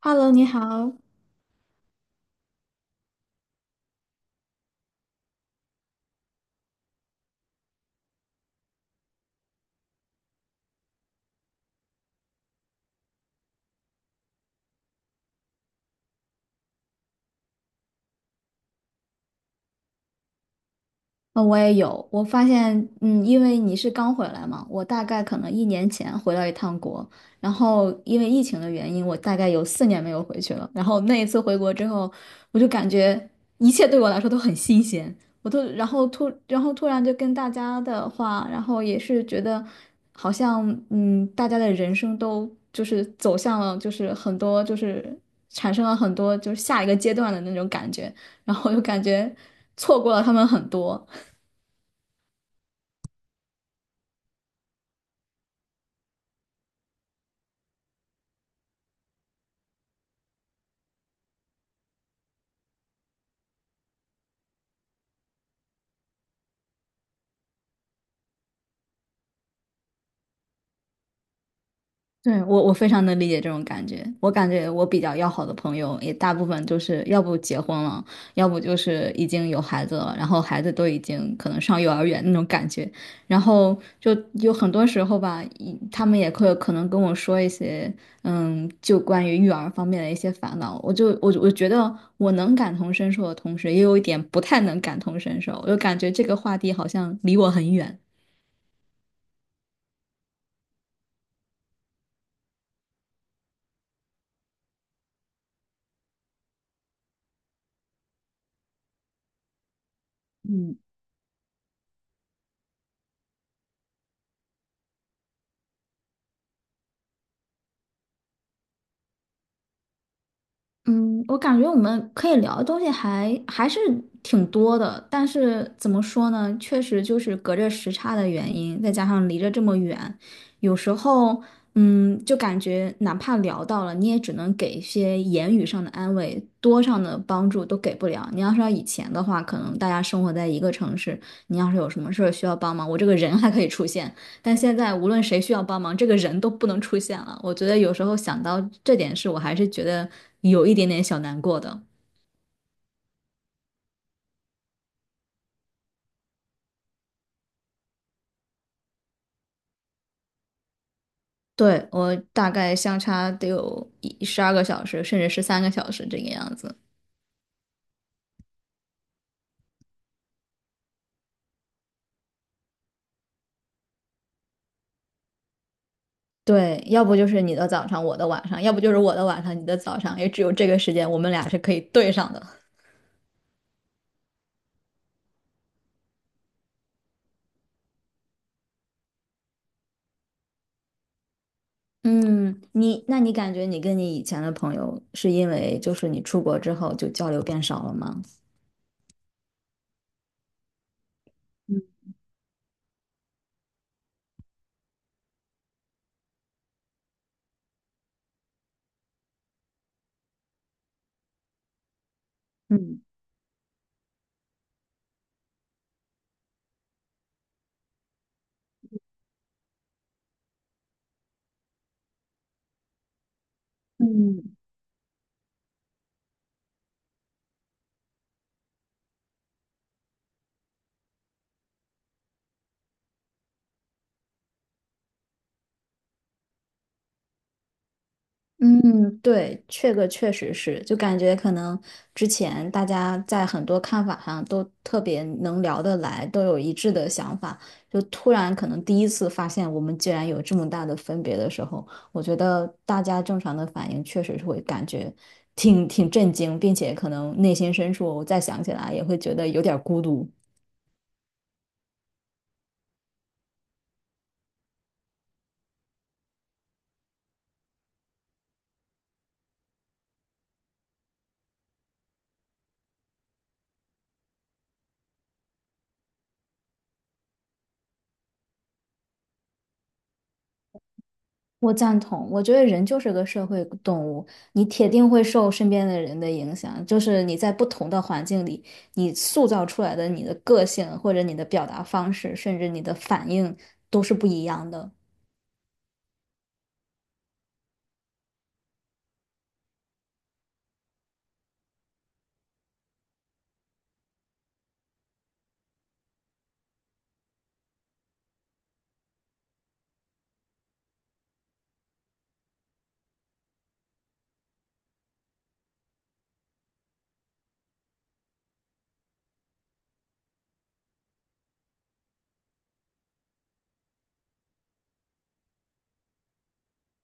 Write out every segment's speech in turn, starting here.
Hello，你好。我也有，我发现，因为你是刚回来嘛，我大概可能一年前回到一趟国，然后因为疫情的原因，我大概有四年没有回去了。然后那一次回国之后，我就感觉一切对我来说都很新鲜，然后突然就跟大家的话，然后也是觉得好像，大家的人生都就是走向了，就是很多就是产生了很多就是下一个阶段的那种感觉，然后就感觉错过了他们很多。对，我非常能理解这种感觉。我感觉我比较要好的朋友也大部分就是要不结婚了，要不就是已经有孩子了，然后孩子都已经可能上幼儿园那种感觉。然后就有很多时候吧，他们也会可能跟我说一些，就关于育儿方面的一些烦恼。我觉得我能感同身受的同时，也有一点不太能感同身受。我就感觉这个话题好像离我很远。嗯。嗯，我感觉我们可以聊的东西还是挺多的，但是怎么说呢，确实就是隔着时差的原因，再加上离着这么远，有时候，就感觉哪怕聊到了，你也只能给一些言语上的安慰，多上的帮助都给不了。你要说以前的话，可能大家生活在一个城市，你要是有什么事儿需要帮忙，我这个人还可以出现，但现在无论谁需要帮忙，这个人都不能出现了。我觉得有时候想到这点事，我还是觉得有一点点小难过的。对，我大概相差得有12个小时，甚至13个小时这个样子。对，要不就是你的早上，我的晚上；要不就是我的晚上，你的早上。也只有这个时间，我们俩是可以对上的。嗯，那你感觉你跟你以前的朋友，是因为就是你出国之后就交流变少了吗？嗯嗯，嗯，对，这个确实是，就感觉可能之前大家在很多看法上都特别能聊得来，都有一致的想法，就突然可能第一次发现我们竟然有这么大的分别的时候，我觉得大家正常的反应确实是会感觉挺震惊，并且可能内心深处再想起来也会觉得有点儿孤独。我赞同，我觉得人就是个社会动物，你铁定会受身边的人的影响。就是你在不同的环境里，你塑造出来的你的个性，或者你的表达方式，甚至你的反应，都是不一样的。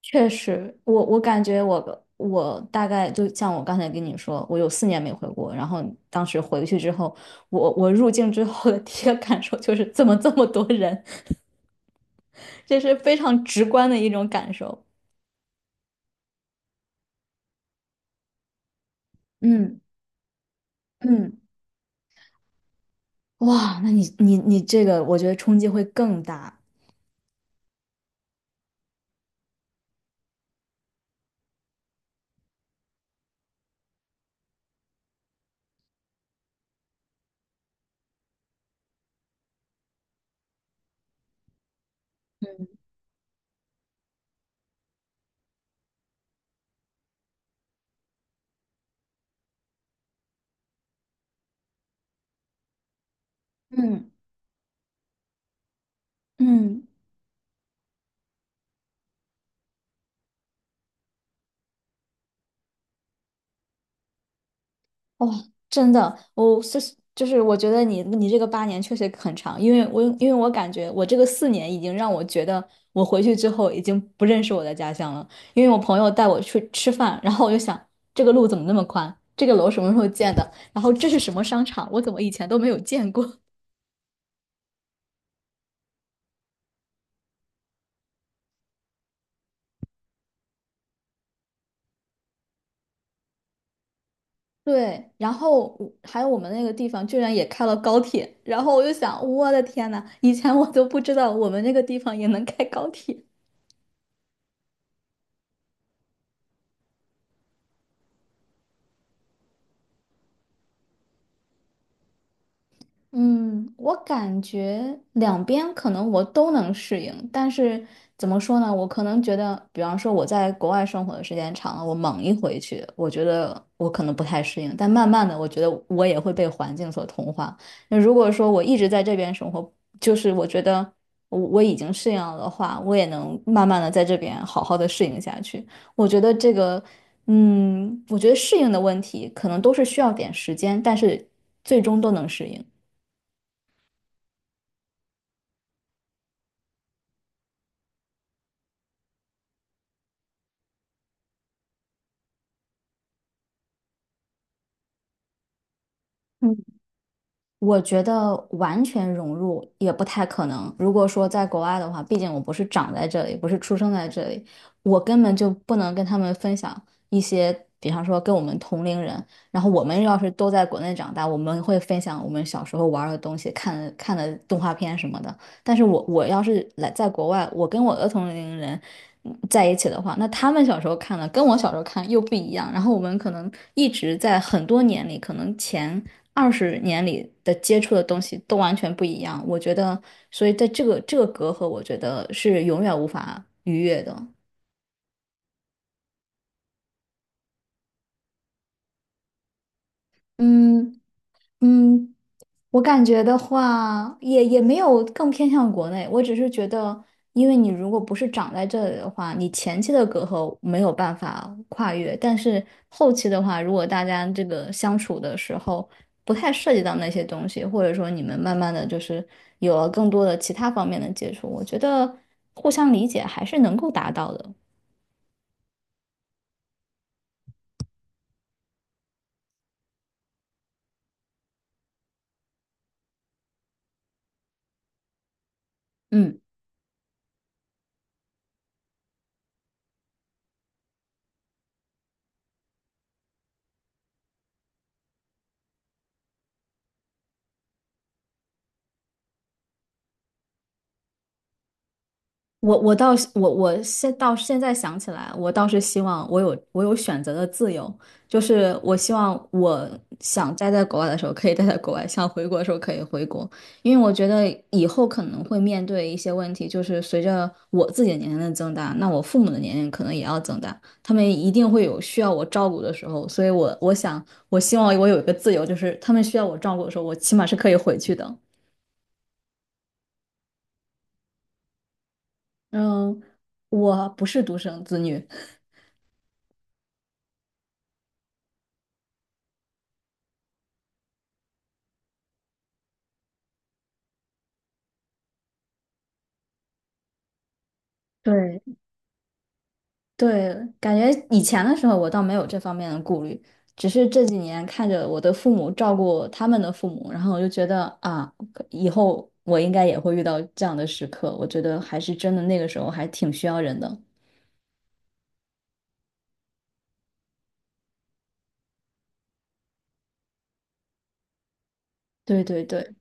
确实，我感觉我大概就像我刚才跟你说，我有四年没回国，然后当时回去之后，我入境之后的第一个感受就是怎么这么多人，这是非常直观的一种感受。嗯嗯。哇，那你这个，我觉得冲击会更大。嗯嗯哇，真的，我就是,我觉得你这个8年确实很长，因为我感觉我这个四年已经让我觉得我回去之后已经不认识我的家乡了，因为我朋友带我去吃饭，然后我就想这个路怎么那么宽，这个楼什么时候建的，然后这是什么商场，我怎么以前都没有见过。对，然后我还有我们那个地方居然也开了高铁，然后我就想，我的天呐，以前我都不知道我们那个地方也能开高铁。嗯，我感觉两边可能我都能适应，但是怎么说呢？我可能觉得，比方说我在国外生活的时间长了，我猛一回去，我觉得我可能不太适应。但慢慢的，我觉得我也会被环境所同化。那如果说我一直在这边生活，就是我觉得我已经适应了的话，我也能慢慢的在这边好好的适应下去。我觉得这个，我觉得适应的问题可能都是需要点时间，但是最终都能适应。嗯，我觉得完全融入也不太可能。如果说在国外的话，毕竟我不是长在这里，不是出生在这里，我根本就不能跟他们分享一些，比方说跟我们同龄人。然后我们要是都在国内长大，我们会分享我们小时候玩儿的东西、看的动画片什么的。但是我要是来在国外，我跟我的同龄人在一起的话，那他们小时候看的跟我小时候看又不一样。然后我们可能一直在很多年里，可能前。20年里的接触的东西都完全不一样。我觉得，所以在这个隔阂，我觉得是永远无法逾越的。嗯，嗯，我感觉的话，也没有更偏向国内。我只是觉得，因为你如果不是长在这里的话，你前期的隔阂没有办法跨越。但是后期的话，如果大家这个相处的时候不太涉及到那些东西，或者说你们慢慢的就是有了更多的其他方面的接触，我觉得互相理解还是能够达到的。嗯。我倒是我现在想起来，我倒是希望我有选择的自由，就是我希望我想待在国外的时候可以待在国外，想回国的时候可以回国，因为我觉得以后可能会面对一些问题，就是随着我自己的年龄的增大，那我父母的年龄可能也要增大，他们一定会有需要我照顾的时候，所以我希望我有一个自由，就是他们需要我照顾的时候，我起码是可以回去的。嗯，我不是独生子女。对，对，感觉以前的时候我倒没有这方面的顾虑，只是这几年看着我的父母照顾他们的父母，然后我就觉得啊，以后我应该也会遇到这样的时刻。我觉得还是真的那个时候还挺需要人的。对对对，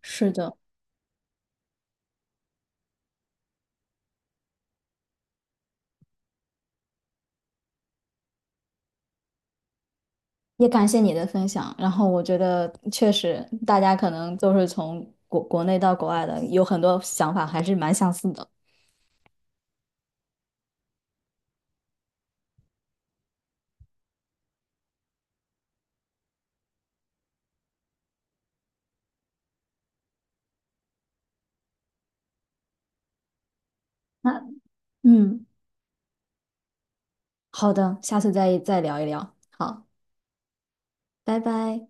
是的，也感谢你的分享。然后我觉得确实大家可能都是从国内到国外的，有很多想法还是蛮相似的。那嗯，好的，下次再聊一聊。好，拜拜。